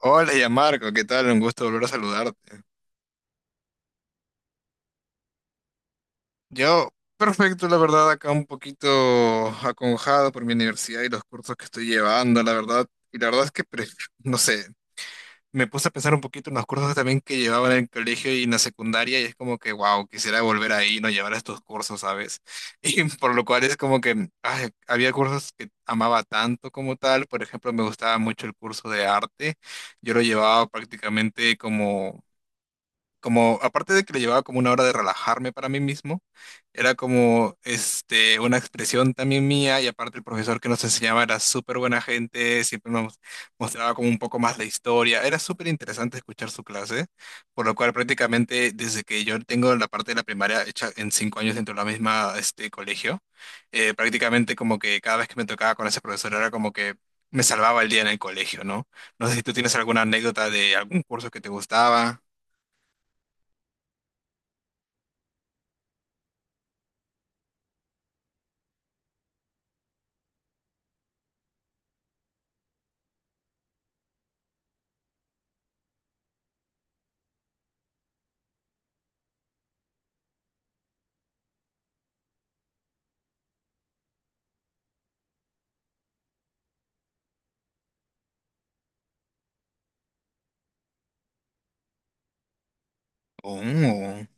Hola, ya Marco, ¿qué tal? Un gusto volver a saludarte. Yo, perfecto, la verdad, acá un poquito aconjado por mi universidad y los cursos que estoy llevando, la verdad. Y la verdad es que, no sé, me puse a pensar un poquito en los cursos también que llevaba en el colegio y en la secundaria y es como que, wow, quisiera volver ahí, no llevar estos cursos, ¿sabes? Y por lo cual es como que ay, había cursos que amaba tanto como tal. Por ejemplo, me gustaba mucho el curso de arte. Yo lo llevaba prácticamente como... como, aparte de que le llevaba como una hora de relajarme para mí mismo, era como, una expresión también mía y aparte el profesor que nos enseñaba era súper buena gente, siempre nos mostraba como un poco más la historia, era súper interesante escuchar su clase, por lo cual prácticamente desde que yo tengo la parte de la primaria hecha en cinco años dentro de la misma, colegio, prácticamente como que cada vez que me tocaba con ese profesor era como que me salvaba el día en el colegio, ¿no? No sé si tú tienes alguna anécdota de algún curso que te gustaba. Oh,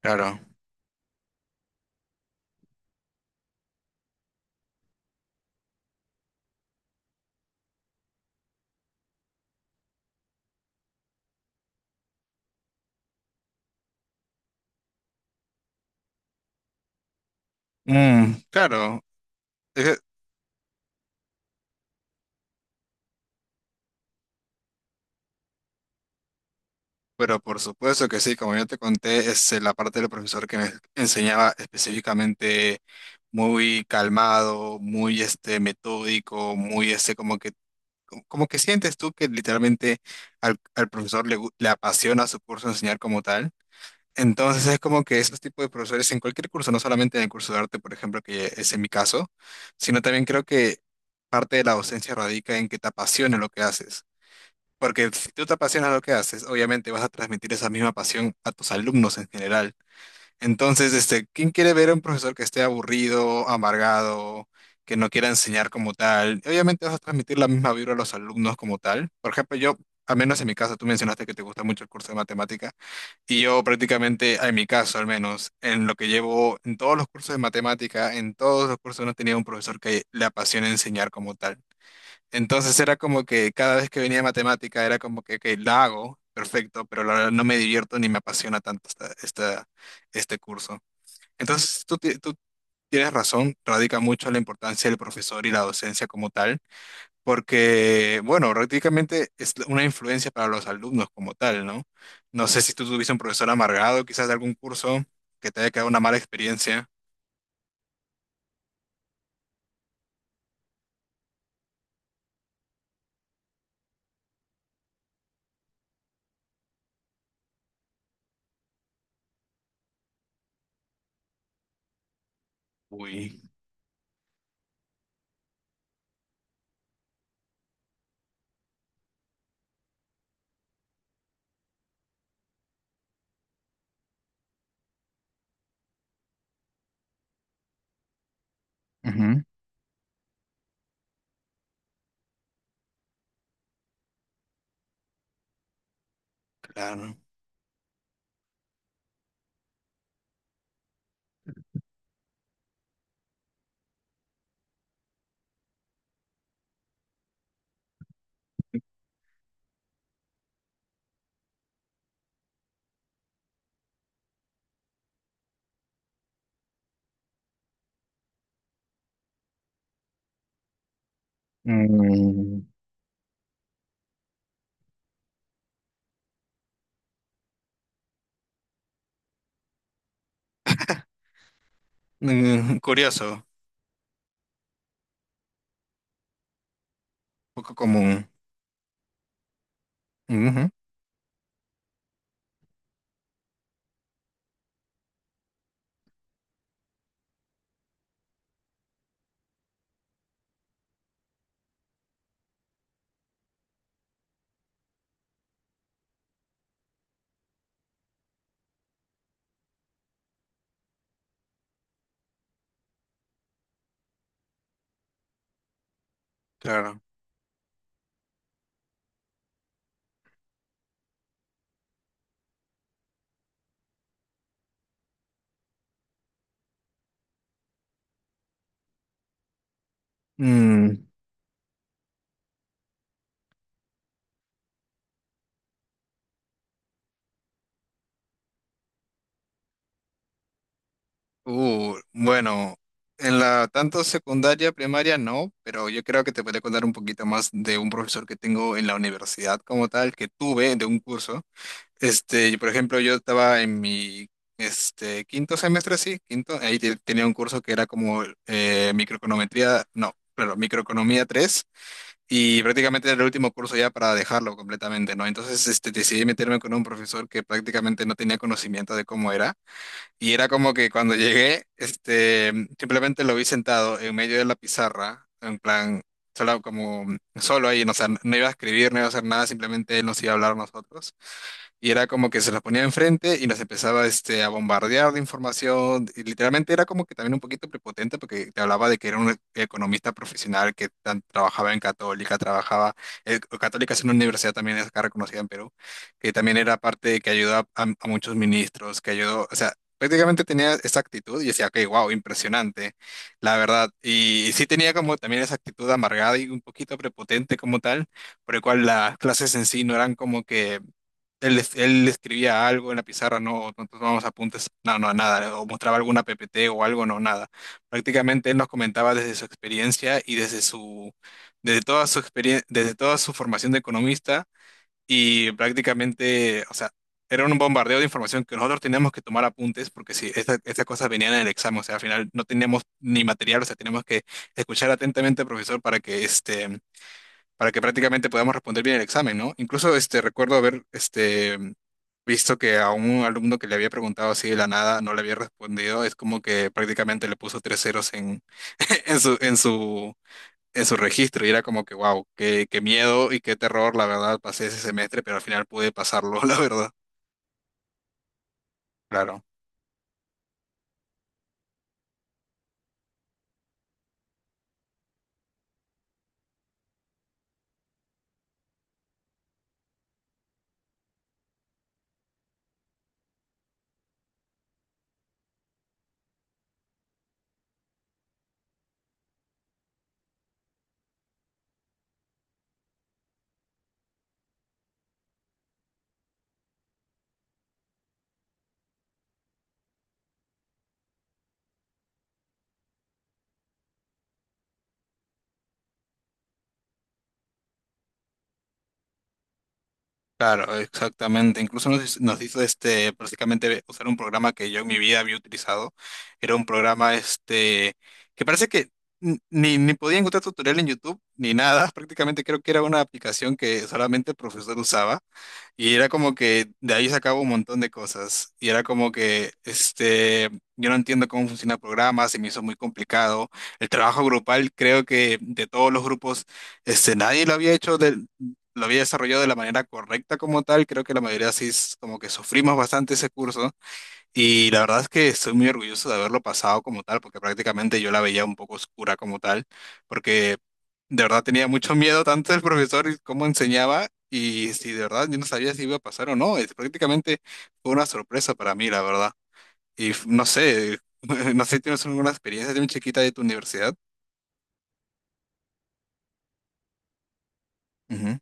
claro. Mm, claro. Eh, pero por supuesto que sí, como yo te conté, es la parte del profesor que me enseñaba específicamente muy calmado, muy este metódico, muy este como que sientes tú que literalmente al profesor le apasiona su curso enseñar como tal. Entonces es como que esos tipos de profesores en cualquier curso, no solamente en el curso de arte, por ejemplo, que es en mi caso, sino también creo que parte de la docencia radica en que te apasione lo que haces. Porque si tú te apasiona lo que haces, obviamente vas a transmitir esa misma pasión a tus alumnos en general. Entonces, ¿quién quiere ver a un profesor que esté aburrido, amargado, que no quiera enseñar como tal? Obviamente vas a transmitir la misma vibra a los alumnos como tal. Por ejemplo, yo, al menos en mi caso, tú mencionaste que te gusta mucho el curso de matemática y yo prácticamente, en mi caso al menos, en lo que llevo en todos los cursos de matemática, en todos los cursos no he tenido un profesor que le apasione enseñar como tal. Entonces era como que cada vez que venía matemática era como que, ok, la hago, perfecto, pero la verdad no me divierto ni me apasiona tanto este curso. Entonces tú tienes razón, radica mucho la importancia del profesor y la docencia como tal, porque, bueno, prácticamente es una influencia para los alumnos como tal, ¿no? No sé si tú tuviste un profesor amargado, quizás de algún curso que te haya quedado una mala experiencia. Uy. Ujú. Claro. Mm. Mm, curioso, poco común. Ujú. Claro. Mm, bueno, en la tanto secundaria, primaria no, pero yo creo que te podría contar un poquito más de un profesor que tengo en la universidad como tal, que tuve de un curso. Por ejemplo, yo estaba en mi quinto semestre, sí, quinto, ahí tenía un curso que era como microeconometría, no, claro, microeconomía tres. Y prácticamente era el último curso ya para dejarlo completamente, ¿no? Entonces, decidí meterme con un profesor que prácticamente no tenía conocimiento de cómo era. Y era como que cuando llegué, simplemente lo vi sentado en medio de la pizarra, en plan, solo como, solo ahí, no, o sea, no iba a escribir, no iba a hacer nada, simplemente él nos iba a hablar a nosotros y era como que se las ponía enfrente y nos empezaba a bombardear de información. Y literalmente era como que también un poquito prepotente porque te hablaba de que era un economista profesional que trabajaba en Católica, trabajaba, Católica es una universidad también es acá reconocida en Perú, que también era parte de que ayudó a muchos ministros, que ayudó, o sea, prácticamente tenía esa actitud y decía, ok, wow, impresionante, la verdad. Y sí tenía como también esa actitud amargada y un poquito prepotente como tal, por el cual las clases en sí no eran como que... Él, él escribía algo en la pizarra, no, no tomábamos apuntes, no, no, nada, o mostraba alguna PPT o algo, no, nada. Prácticamente él nos comentaba desde su experiencia y desde desde toda su experiencia, desde toda su formación de economista y prácticamente, o sea, era un bombardeo de información que nosotros teníamos que tomar apuntes porque si estas cosas venían en el examen, o sea, al final no teníamos ni material, o sea, teníamos que escuchar atentamente al profesor para que prácticamente podamos responder bien el examen, ¿no? Incluso recuerdo visto que a un alumno que le había preguntado así de la nada no le había respondido, es como que prácticamente le puso tres ceros en, en su, en su, en su registro y era como que, wow, qué, qué miedo y qué terror, la verdad, pasé ese semestre, pero al final pude pasarlo, la verdad. Claro. Claro, exactamente. Incluso nos hizo prácticamente usar un programa que yo en mi vida había utilizado. Era un programa que parece que ni podía encontrar tutorial en YouTube ni nada. Prácticamente creo que era una aplicación que solamente el profesor usaba. Y era como que de ahí sacaba un montón de cosas. Y era como que, yo no entiendo cómo funciona el programa, se me hizo muy complicado. El trabajo grupal, creo que de todos los grupos, nadie lo había desarrollado de la manera correcta como tal. Creo que la mayoría sí es como que sufrimos bastante ese curso y la verdad es que estoy muy orgulloso de haberlo pasado como tal, porque prácticamente yo la veía un poco oscura como tal, porque de verdad tenía mucho miedo tanto del profesor y cómo enseñaba. Y si de verdad yo no sabía si iba a pasar o no, es prácticamente fue una sorpresa para mí, la verdad. Y no sé, no sé si tienes alguna experiencia de un chiquita de tu universidad. Ujú,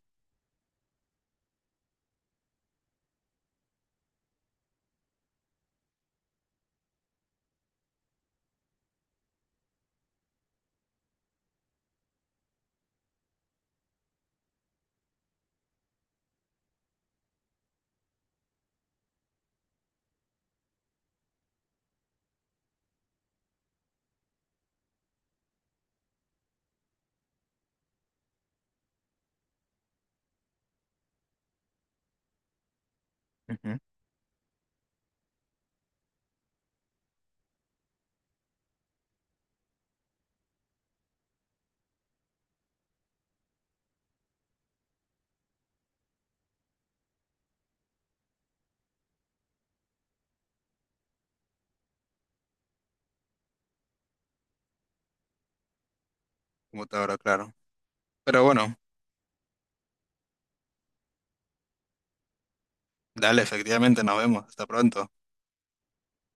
ujú. Como te habrá claro. Pero bueno, dale, efectivamente, nos vemos. Hasta pronto.